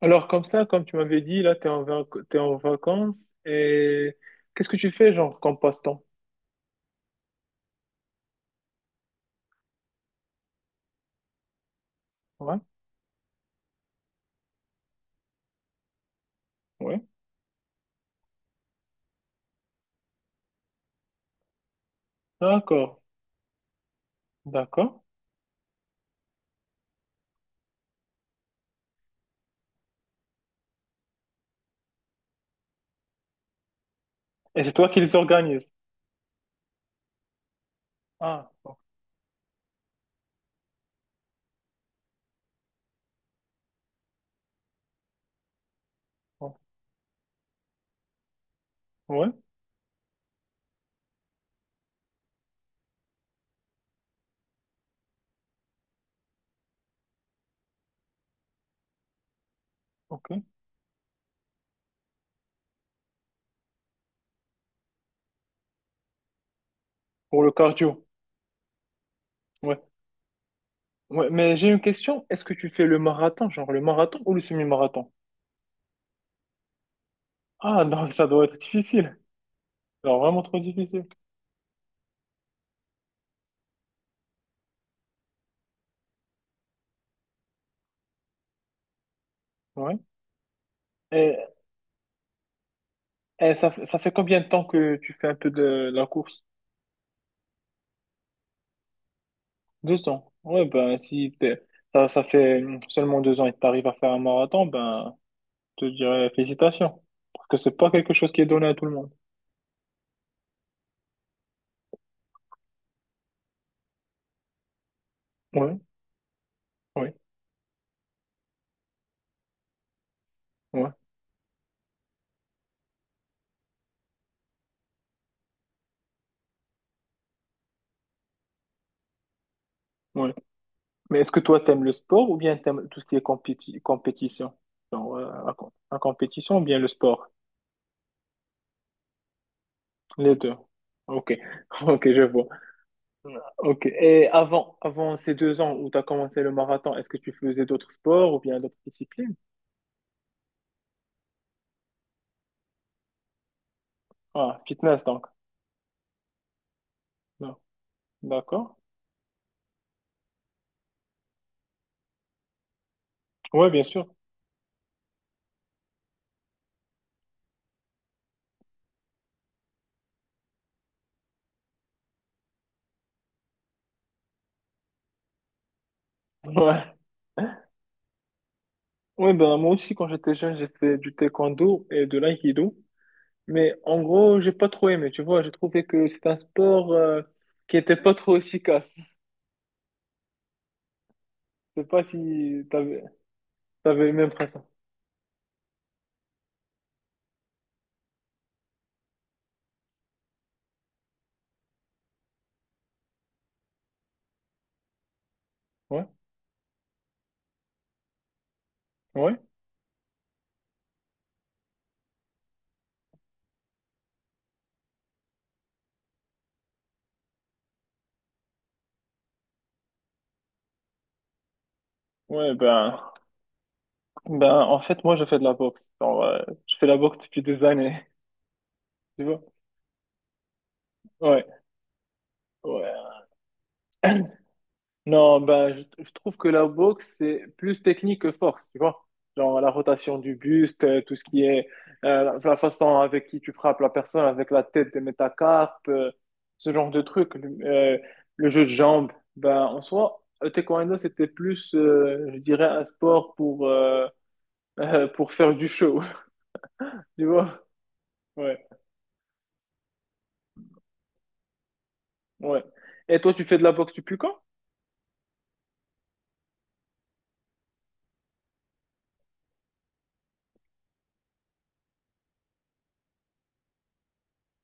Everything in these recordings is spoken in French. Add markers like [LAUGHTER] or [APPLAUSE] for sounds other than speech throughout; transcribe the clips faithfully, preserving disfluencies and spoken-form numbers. Alors comme ça, comme tu m'avais dit, là, t'es en vac- t'es en vacances et qu'est-ce que tu fais, genre, comme passe-temps? Ouais, ouais. D'accord, d'accord. Et c'est toi qui les organises? Ah, bon, bon. Ouais, ok. Pour le cardio, ouais. Ouais, mais j'ai une question. Est-ce que tu fais le marathon, genre le marathon ou le semi-marathon? Ah, donc [LAUGHS] ça doit être difficile. Alors vraiment trop difficile. Ouais. Et, et ça, ça fait combien de temps que tu fais un peu de la course? Deux ans. Ouais, ben, si t'es- ça, ça fait seulement deux ans et que t'arrives à faire un marathon, ben, je te dirais félicitations. Parce que c'est pas quelque chose qui est donné à tout le monde. Ouais, ouais, ouais, ouais. Mais est-ce que toi, t'aimes le sport ou bien t'aimes tout ce qui est compéti- compétition? Genre, euh, la, com- la compétition ou bien le sport? Les deux. Ok, [LAUGHS] ok, je vois. Ok. Et avant, avant ces deux ans où t'as commencé le marathon, est-ce que tu faisais d'autres sports ou bien d'autres disciplines? Ah, fitness donc. Non. D'accord. Ouais, bien sûr. Ouais. Ouais, ben, moi aussi, quand j'étais jeune, j'ai fait du taekwondo et de l'aïkido. Mais en gros, j'ai pas trop aimé, tu vois. J'ai trouvé que c'est un sport euh, qui était pas trop efficace. Je sais pas si t'avais, t'avais le même principe. Ouais, ouais, ouais, ben, ben, en fait, moi, je fais de la boxe. Genre, euh, je fais de la boxe depuis des années, [LAUGHS] tu vois. Ouais, ouais. Non, ben, je, je trouve que la boxe, c'est plus technique que force, tu vois. Genre la rotation du buste, euh, tout ce qui est euh, la, la façon avec qui tu frappes la personne, avec la tête des métacarpes, euh, ce genre de truc. Euh, le jeu de jambes, ben, en soi, le taekwondo, c'était plus, euh, je dirais, un sport pour, euh, euh, pour faire du show, [LAUGHS] tu vois. Ouais, ouais. Et toi, tu fais de la boxe depuis quand?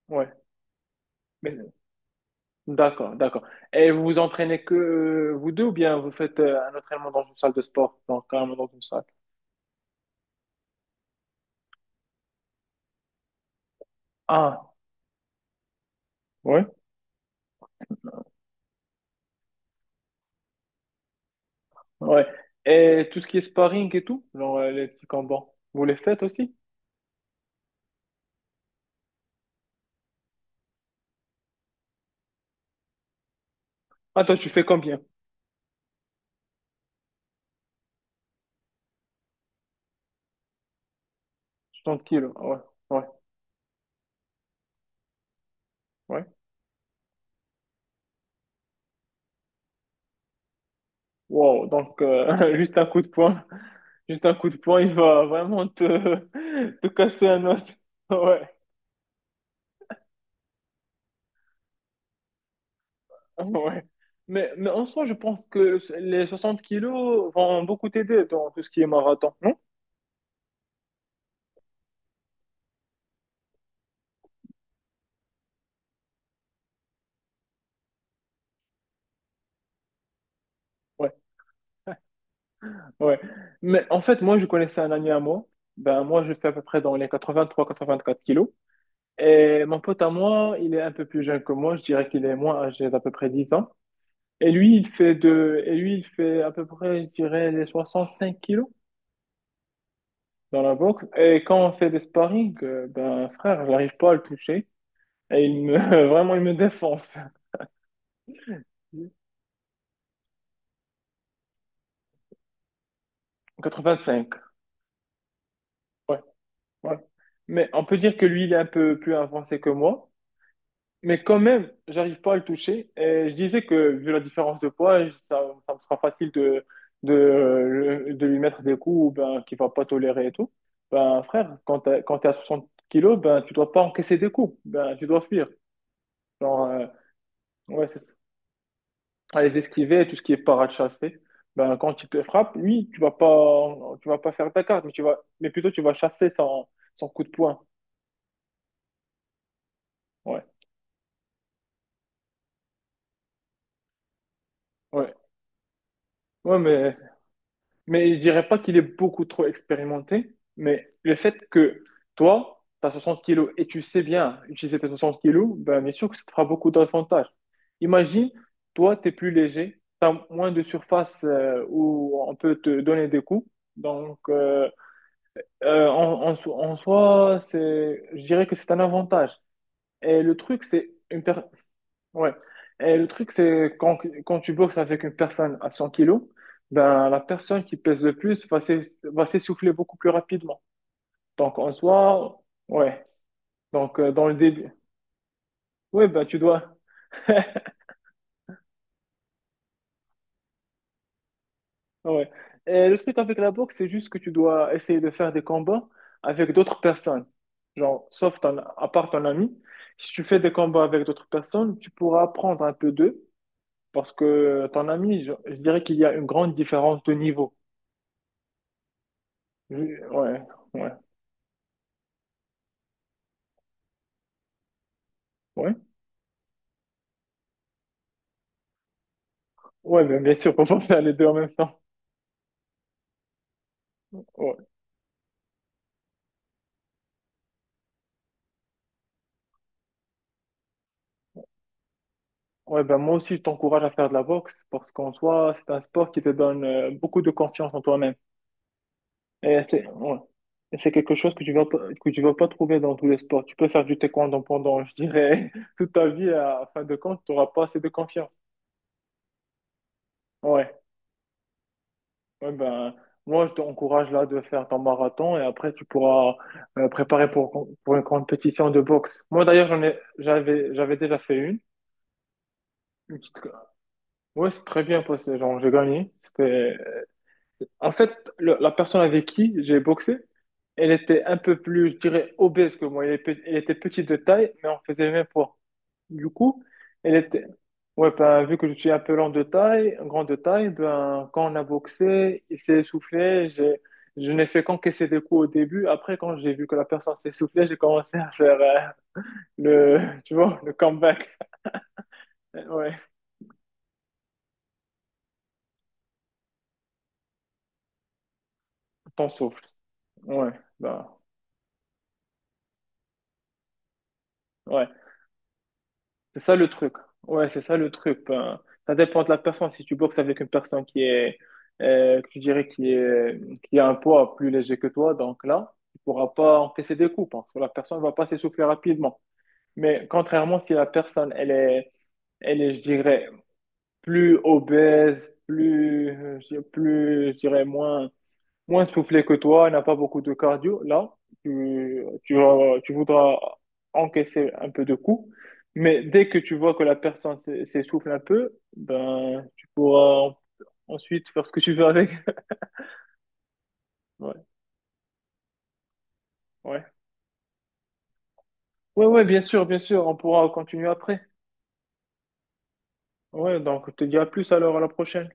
Ouais. Mais, D'accord, d'accord. Et vous vous entraînez que euh, vous deux ou bien vous faites euh, un entraînement dans une salle de sport, donc carrément dans une salle? Ah, ouais, ouais. Et tout ce qui est sparring et tout, genre euh, les petits combats, vous les faites aussi? Ah, toi, tu fais combien? trente kilos, ah ouais, ouais, ouais. Wow, donc euh, [LAUGHS] juste un coup de poing, juste un coup de poing, il va vraiment te, [LAUGHS] te casser un os. [LAUGHS] Ouais, ouais. Mais, mais en soi, je pense que les soixante kilos vont beaucoup t'aider dans tout ce qui est marathon, non? Ouais. Mais en fait, moi, je connaissais un ami à moi. Ben, moi, je fais à peu près dans les quatre-vingt-trois, quatre-vingt-quatre kilos. Et mon pote à moi, il est un peu plus jeune que moi. Je dirais qu'il est moins âgé d'à peu près dix ans. Et lui, il fait de, et lui, il fait à peu près, je dirais, les soixante-cinq kilos dans la boxe. Et quand on fait des sparring, euh, ben, frère, je n'arrive pas à le toucher. Et il me, [LAUGHS] vraiment, il me défonce. Quatre-vingt-cinq. Ouais, ouais. Mais on peut dire que lui, il est un peu plus avancé que moi. Mais quand même, j'arrive pas à le toucher. Et je disais que vu la différence de poids, je- ça, ça me sera facile de, de, euh, de lui mettre des coups ben, qu'il va pas tolérer et tout. Ben frère, quand t'es, quand t'es à soixante kilos, ben tu dois pas encaisser des coups. Ben tu dois fuir. Genre, euh, ouais, c'est ça. À les esquiver, tout ce qui est parade chassée. Ben quand il te frappe, lui, tu vas pas, tu vas pas faire ta carte, mais tu vas, mais plutôt tu vas chasser son, son coup de poing. Ouais, ouais, ouais, mais mais je dirais pas qu'il est beaucoup trop expérimenté, mais le fait que toi, tu as soixante kilos et tu sais bien utiliser tes soixante kilos, ben bien sûr que ça te fera beaucoup d'avantages. Imagine, toi, tu es plus léger, tu as moins de surface euh, où on peut te donner des coups. Donc, euh, euh, en, en, so- en soi, c'est, je dirais que c'est un avantage. Et le truc, c'est une per- Ouais. Et le truc, c'est quand, quand tu boxes avec une personne à cent kilos, ben, la personne qui pèse le plus va s'ess- va s'essouffler beaucoup plus rapidement. Donc, en soi, ouais. Donc, euh, dans le début, ouais, ben, tu dois. [LAUGHS] Ouais. Et le truc avec la boxe, c'est juste que tu dois essayer de faire des combats avec d'autres personnes. Genre, sauf ton, à part ton ami, si tu fais des combats avec d'autres personnes, tu pourras apprendre un peu d'eux parce que ton ami, je, je dirais qu'il y a une grande différence de niveau. Je- ouais, ouais. Ouais, ouais, ben, bien sûr, [LAUGHS] on va faire les deux en même temps. Ouais, ouais ben, moi aussi, je t'encourage à faire de la boxe parce qu'en soi, c'est un sport qui te donne euh, beaucoup de confiance en toi-même. Et c'est ouais. Et c'est quelque chose que tu vas pas, que tu vas pas trouver dans tous les sports. Tu peux faire du taekwondo pendant, je dirais, [LAUGHS] toute ta vie, à fin de compte, tu n'auras pas assez de confiance. Ouais, ouais ben, moi, je t'encourage là de faire ton marathon et après, tu pourras euh, préparer pour, pour une compétition de boxe. Moi, d'ailleurs, j'en ai, j'avais, j'avais déjà fait une. Une petite, ouais, c'est très bien passé. Genre, j'ai gagné. C'était- En fait, le- la personne avec qui j'ai boxé, elle était un peu plus, je dirais, obèse que moi. Elle, est pe- elle était petite de taille, mais on faisait le même poids. Du coup, elle était. Ouais, ben, vu que je suis un peu lent de taille, grand de taille, ben, quand on a boxé, il s'est essoufflé. j'ai- Je n'ai fait qu'encaisser des coups au début. Après, quand j'ai vu que la personne s'est essoufflée, j'ai commencé à faire euh, le, [LAUGHS] tu vois, le comeback. Ouais, ton souffle. Ouais, bah ouais. C'est ça le truc. Ouais, c'est ça le truc. Ben, ça dépend de la personne. Si tu boxes avec une personne qui est, euh, que tu dirais, qui est, qui a un poids plus léger que toi, donc là, tu pourras pas encaisser des coups parce que la personne va pas s'essouffler rapidement. Mais contrairement, si la personne, elle est, elle est, je dirais, plus obèse, plus, euh, je dirais, plus, je dirais, moins moins soufflé que toi, n'a pas beaucoup de cardio, là, tu, tu vas- tu voudras encaisser un peu de coups. Mais dès que tu vois que la personne s'e- s'essouffle un peu, ben, tu pourras en- ensuite faire ce que tu veux avec. [LAUGHS] Ouais, ouais. Ouais, ouais, bien sûr, bien sûr, on pourra continuer après. Ouais, donc je te dis à plus alors, à la prochaine.